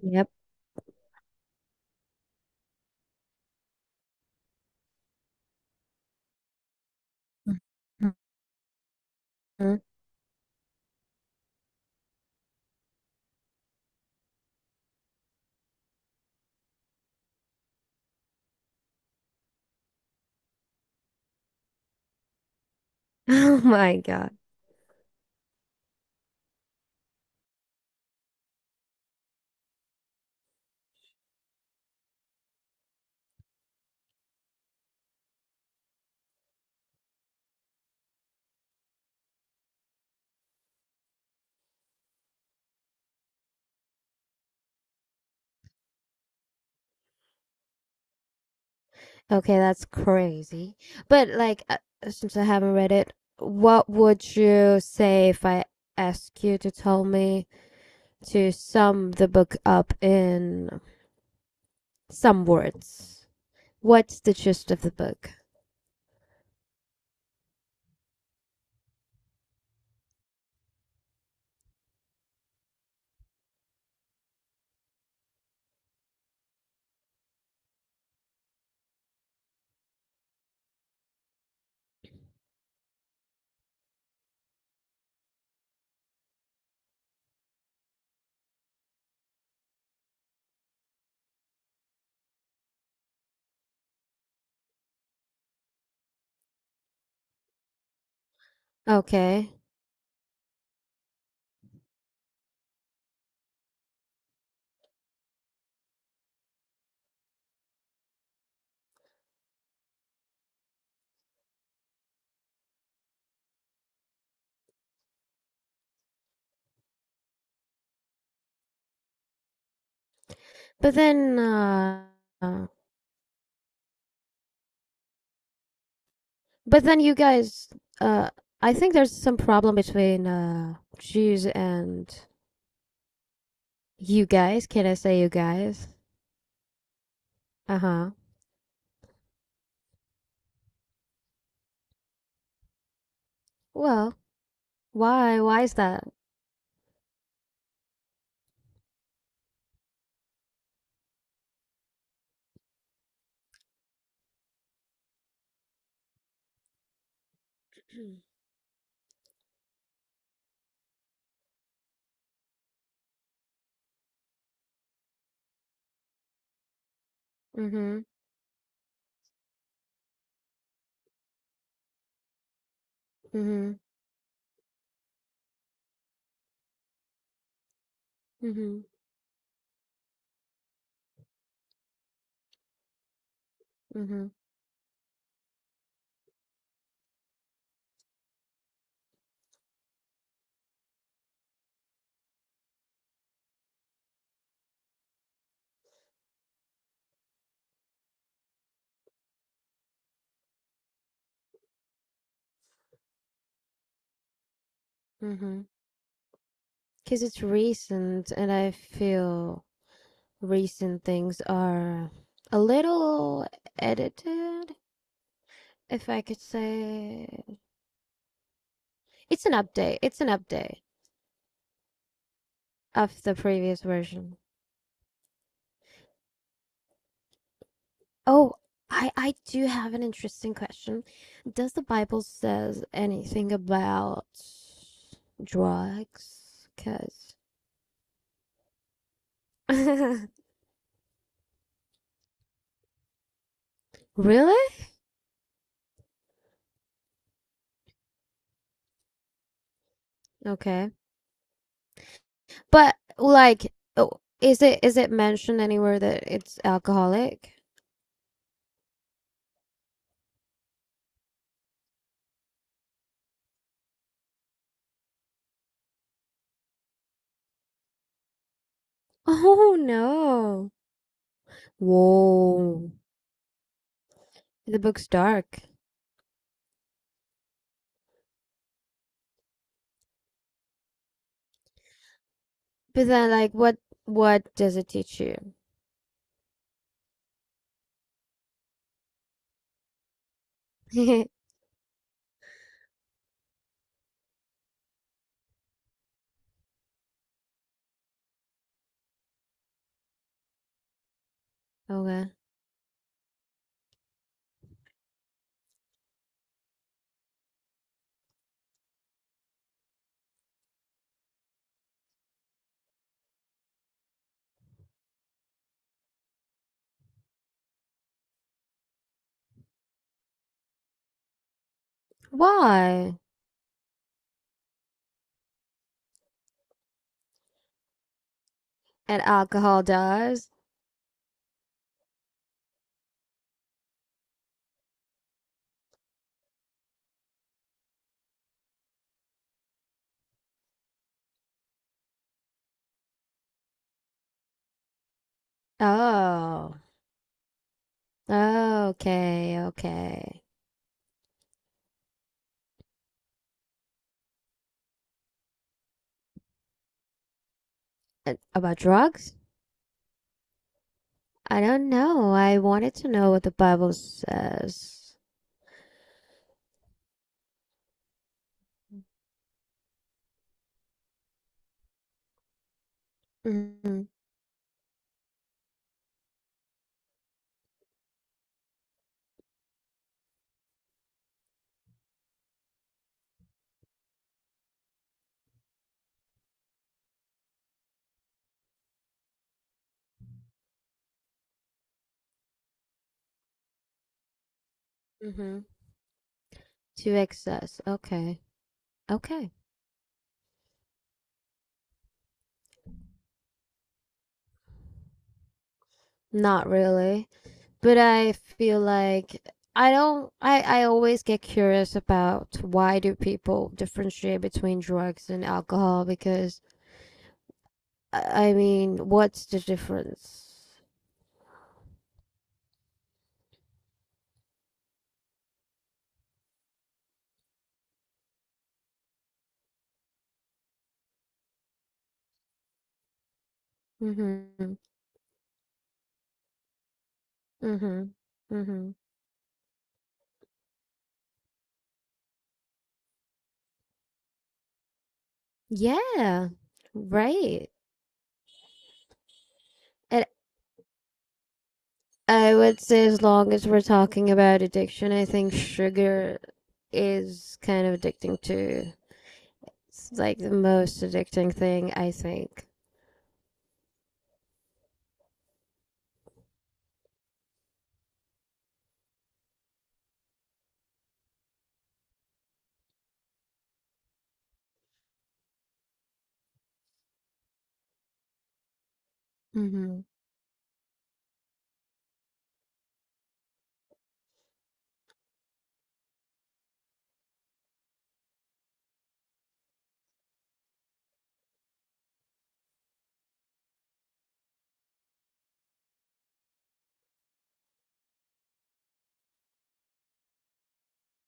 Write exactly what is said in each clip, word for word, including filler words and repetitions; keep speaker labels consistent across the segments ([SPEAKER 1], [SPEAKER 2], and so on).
[SPEAKER 1] Yep. Mhm. Oh my God. Okay, that's crazy. But like, uh, uh, since I haven't read it, what would you say if I ask you to tell me to sum the book up in some words? What's the gist of the book? Okay. But then, uh, uh, but then you guys, uh, I think there's some problem between uh Jews and you guys. Can I say you guys? Uh-huh. Well, why? Why is that? Mhm. Mhm. Mhm. Mhm. Because it's recent and I feel recent things are a little edited, if I could say. It's an update. It's an update of the previous version. Oh, I I do have an interesting question. Does the Bible says anything about drugs? Because Really? Okay. But like, oh, is it is it mentioned anywhere that it's alcoholic? Oh no! Whoa, the book's dark. But then, like, what what does it teach you? Okay, why? And alcohol does. Oh, okay, okay. And about drugs? I don't know. I wanted to know what the Bible says. Mm-hmm. Mm-hmm. To excess. Okay. Okay. Not really, but I feel like I don't I I always get curious about why do people differentiate between drugs and alcohol because I, I mean, what's the difference? Mhm. Mhm. Mhm. Yeah. Right. And I would say as long as we're talking about addiction, I think sugar is kind of addicting too. It's like the most addicting thing, I think. Mm-hmm.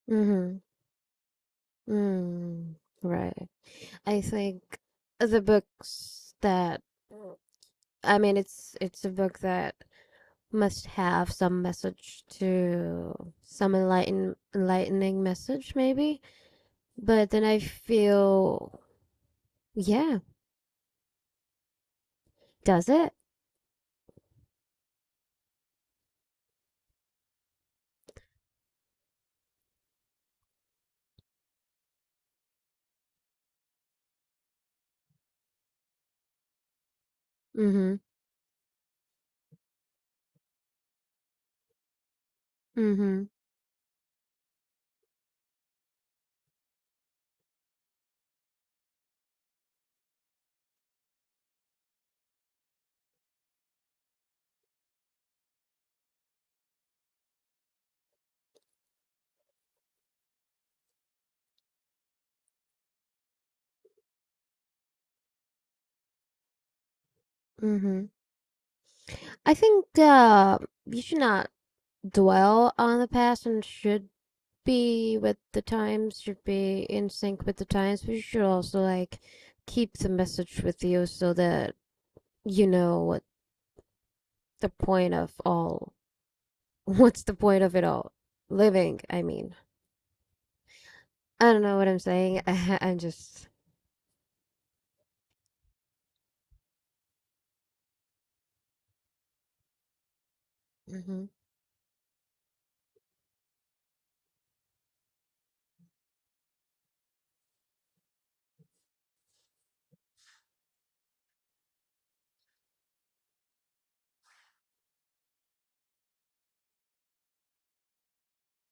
[SPEAKER 1] Mm-hmm. Mm. Right. I think the books that, well, I mean, it's it's a book that must have some message to some enlighten enlightening message maybe. But then I feel, yeah. Does it? Mhm. Mhm. Mhm. I think, uh, you should not dwell on the past and should be with the times, should be in sync with the times, but you should also like keep the message with you so that you know what the point of all what's the point of it all, living, I mean, I don't know what I'm saying. I, i'm just mm-hmm.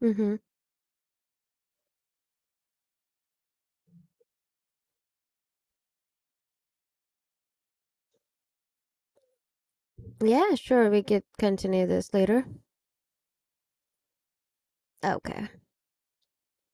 [SPEAKER 1] Mm-hmm. yeah sure we could continue this later okay